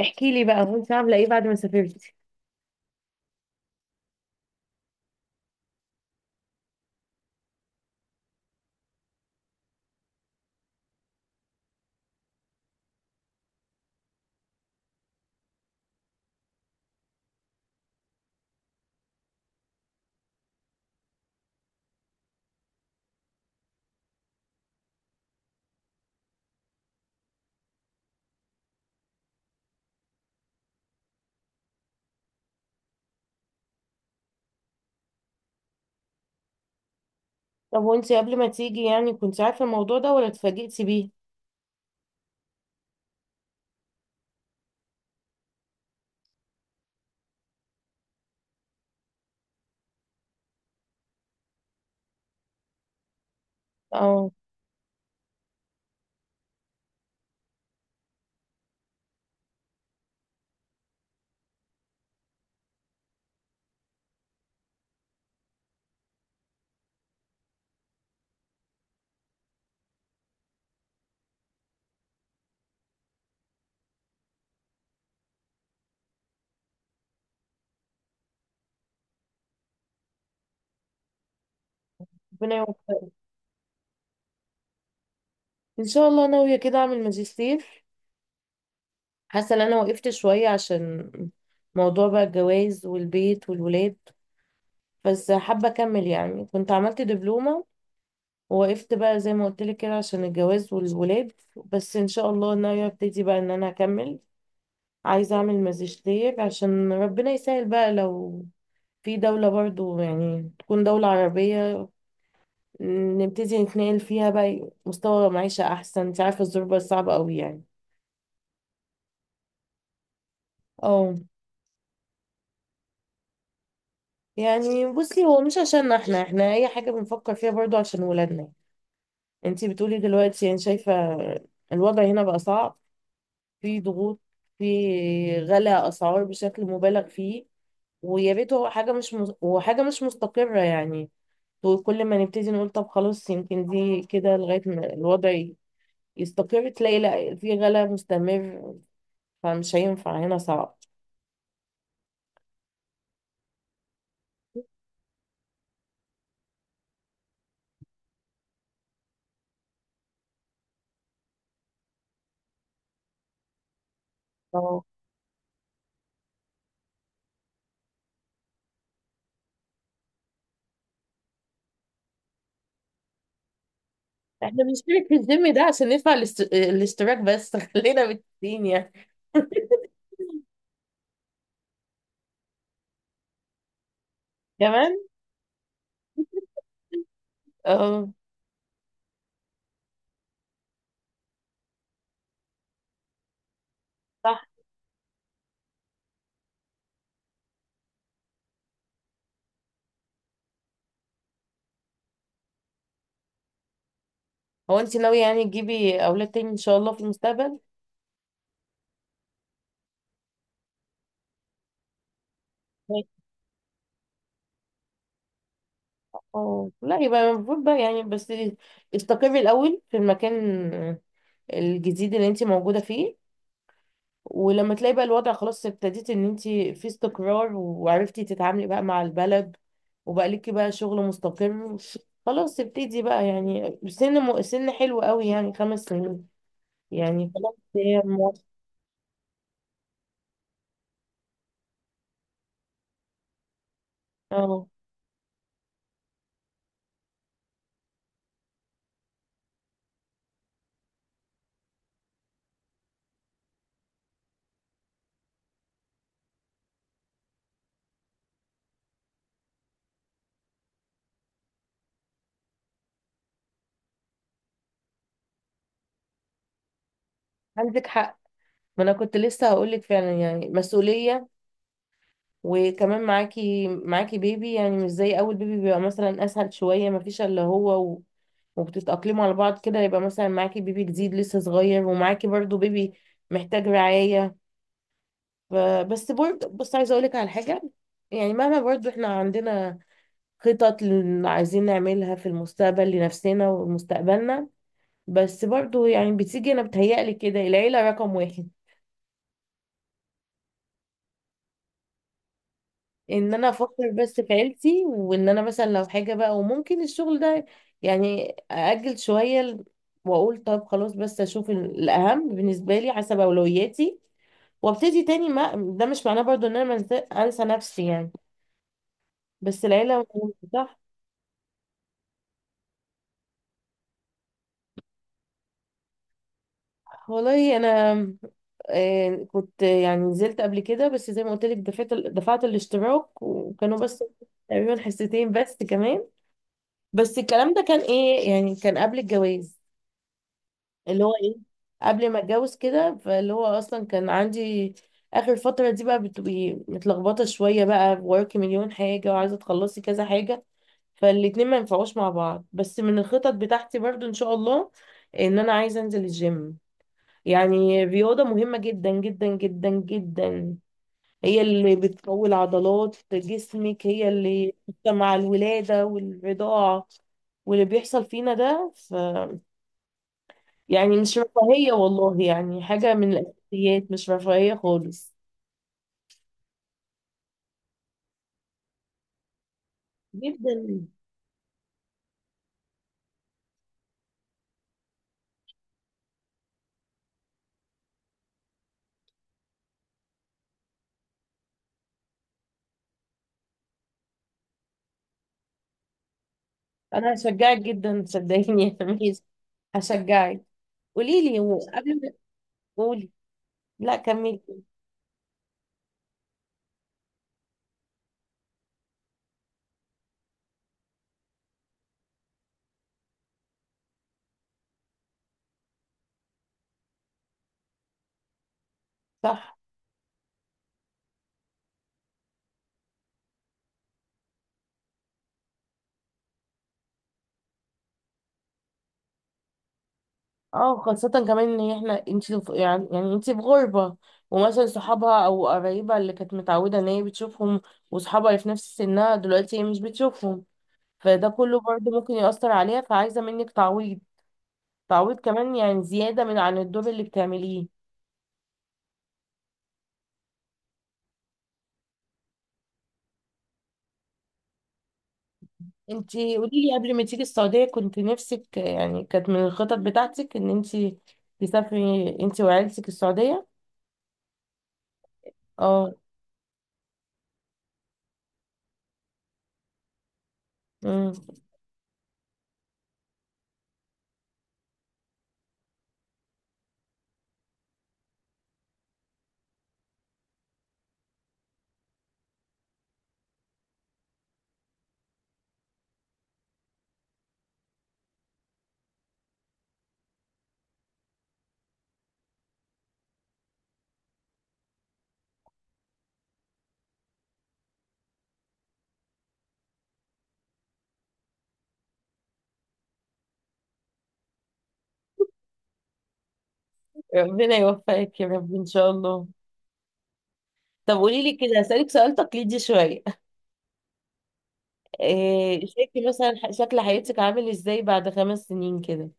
احكي لي بقى وانت عامله ايه بعد ما سافرتي؟ طب وانت قبل ما تيجي يعني كنت عارفه الموضوع ده ولا اتفاجئتي بيه؟ اه، ربنا يوفقك. ان شاء الله ناويه كده اعمل ماجستير. حاسه ان انا وقفت شويه عشان موضوع بقى الجواز والبيت والولاد، بس حابه اكمل. يعني كنت عملت دبلومه ووقفت بقى زي ما قلت لك كده عشان الجواز والولاد. بس ان شاء الله ناويه ابتدي بقى ان انا اكمل، عايزه اعمل ماجستير عشان ربنا يسهل بقى لو في دولة برضو يعني تكون دولة عربية، نبتدي نتنقل فيها بقى، مستوى معيشة أحسن. انت عارفة الظروف صعبة أوي يعني. اه، يعني بصي هو مش عشان احنا أي حاجة بنفكر فيها برضو عشان ولادنا. انتي بتقولي دلوقتي، يعني شايفة الوضع هنا بقى صعب، في ضغوط، في غلاء أسعار بشكل مبالغ فيه، ويا ريت. هو حاجة مش مز... وحاجة مش مستقرة يعني، وكل ما نبتدي نقول طب خلاص يمكن دي كده لغاية ما الوضع يستقر، تلاقي لا، في غلا مستمر، فمش هينفع، هنا صعب. اه، احنا بنشترك في الجيم ده عشان ندفع الاشتراك بس خلينا بالتين يعني. كمان. اه، صح. هو انت ناوية يعني تجيبي اولاد تاني ان شاء الله في المستقبل؟ اه، لا يبقى المفروض بقى يعني، بس استقري الاول في المكان الجديد اللي انت موجودة فيه، ولما تلاقي بقى الوضع خلاص، ابتديت ان انت في استقرار وعرفتي تتعاملي بقى مع البلد وبقى ليكي بقى شغل مستقر، خلاص ابتدي بقى. يعني سن حلو قوي يعني خمس سنين، يعني خلاص هي اه، عندك حق. ما انا كنت لسه هقول لك فعلا يعني مسؤولية، وكمان معاكي، بيبي يعني مش زي اول بيبي، بيبقى مثلا اسهل شوية، ما فيش الا هو و... وبتتأقلموا على بعض كده. يبقى مثلا معاكي بيبي جديد لسه صغير، ومعاكي برضو بيبي محتاج رعاية. ف- بس برضه بص، عايزه اقول لك على حاجه. يعني مهما برضه احنا عندنا خطط اللي عايزين نعملها في المستقبل لنفسنا ومستقبلنا، بس برضه يعني بتيجي، انا بتهيألي كده العيله رقم واحد. ان انا افكر بس في عيلتي، وان انا مثلا لو حاجه بقى، وممكن الشغل ده يعني ااجل شويه واقول طب خلاص، بس اشوف الاهم بالنسبه لي حسب اولوياتي، وابتدي تاني. ما ده مش معناه برضه ان انا انسى نفسي يعني، بس العيله. والله انا كنت يعني نزلت قبل كده، بس زي ما قلت لك دفعت الاشتراك وكانوا بس تقريبا حصتين بس كمان. بس الكلام ده كان ايه يعني، كان قبل الجواز، اللي هو ايه، قبل ما اتجوز كده. فاللي هو اصلا كان عندي اخر فترة دي بقى بتبقي متلخبطة شوية بقى، وراكي مليون حاجة وعايزة تخلصي كذا حاجة، فالاتنين ما ينفعوش مع بعض. بس من الخطط بتاعتي برضو ان شاء الله ان انا عايزة انزل الجيم. يعني الرياضة مهمة جدا جدا جدا جدا، هي اللي بتقوي عضلات جسمك، هي اللي مع الولادة والرضاعة واللي بيحصل فينا ده ف... يعني مش رفاهية والله، يعني حاجة من الأساسيات، مش رفاهية خالص. جدا. أنا هشجعك جدا صدقيني يا ميس. هشجعك. قولي لي، هو قبل ما، قولي. لا كملي. صح. اه، خاصة كمان ان احنا، يعني انتي في غربة، ومثلا صحابها او قرايبها اللي كانت متعودة ان هي بتشوفهم، وصحابها اللي في نفس سنها دلوقتي هي مش بتشوفهم، فده كله برضه ممكن يأثر عليها، فعايزة منك تعويض، تعويض كمان يعني زيادة من عن الدور اللي بتعمليه. انتي قوليلي، قبل ما تيجي السعودية كنت نفسك يعني، كانت من الخطط بتاعتك ان انتي تسافري انتي وعيلتك السعودية؟ اه. أمم. ربنا يوفقك يا رب ان شاء الله. طب قولي لي كده، هسألك سؤال تقليدي شوية، إيه شايفة مثلا شكل حياتك عامل ازاي بعد خمس سنين كده؟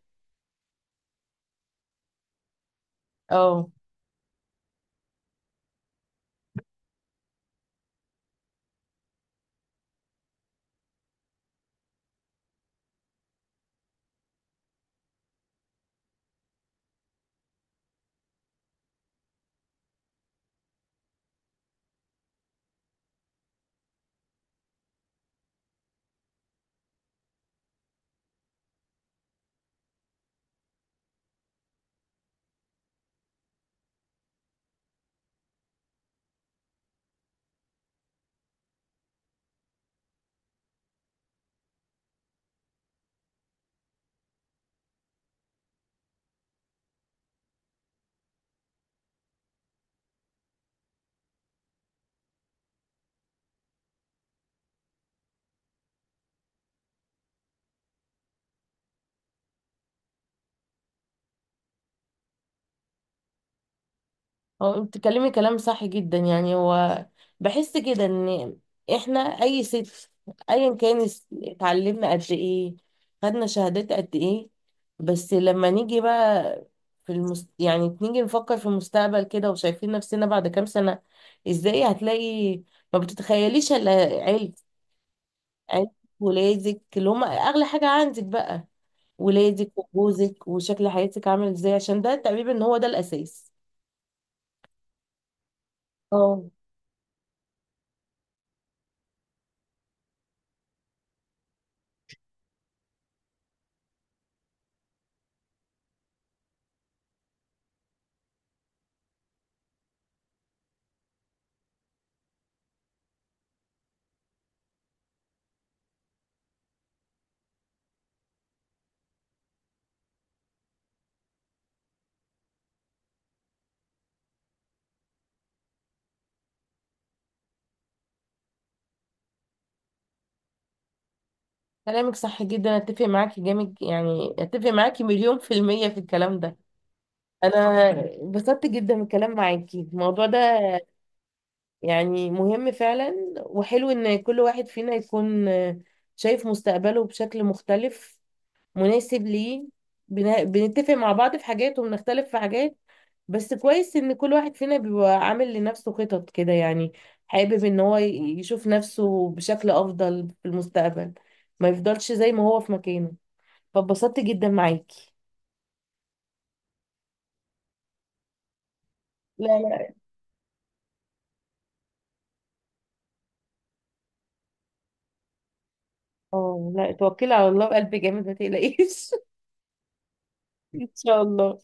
اه، هو بتتكلمي كلام صح جدا. يعني هو بحس كده ان احنا اي ست، ايا كان اتعلمنا قد ايه، خدنا شهادات قد ايه، بس لما نيجي بقى يعني نيجي نفكر في المستقبل كده وشايفين نفسنا بعد كام سنة ازاي، هتلاقي ما بتتخيليش الا علم، عيلة، ولادك اللي هم اغلى حاجة عندك بقى، ولادك وجوزك وشكل حياتك عامل ازاي، عشان ده تقريبا ان هو ده الاساس. اه، كلامك صح جدا، اتفق معاكي جامد. يعني اتفق معاكي مليون في المية في الكلام ده. انا اتبسطت جدا من الكلام معاكي الموضوع ده، يعني مهم فعلا. وحلو ان كل واحد فينا يكون شايف مستقبله بشكل مختلف مناسب ليه، بنتفق مع بعض في حاجات وبنختلف في حاجات، بس كويس ان كل واحد فينا بيبقى عامل لنفسه خطط كده يعني، حابب ان هو يشوف نفسه بشكل افضل في المستقبل، ما يفضلش زي ما هو في مكانه. فاتبسطت جدا معاكي. لا لا. اه لا، توكلي على الله بقلب جامد، ما تقلقيش. ان شاء الله.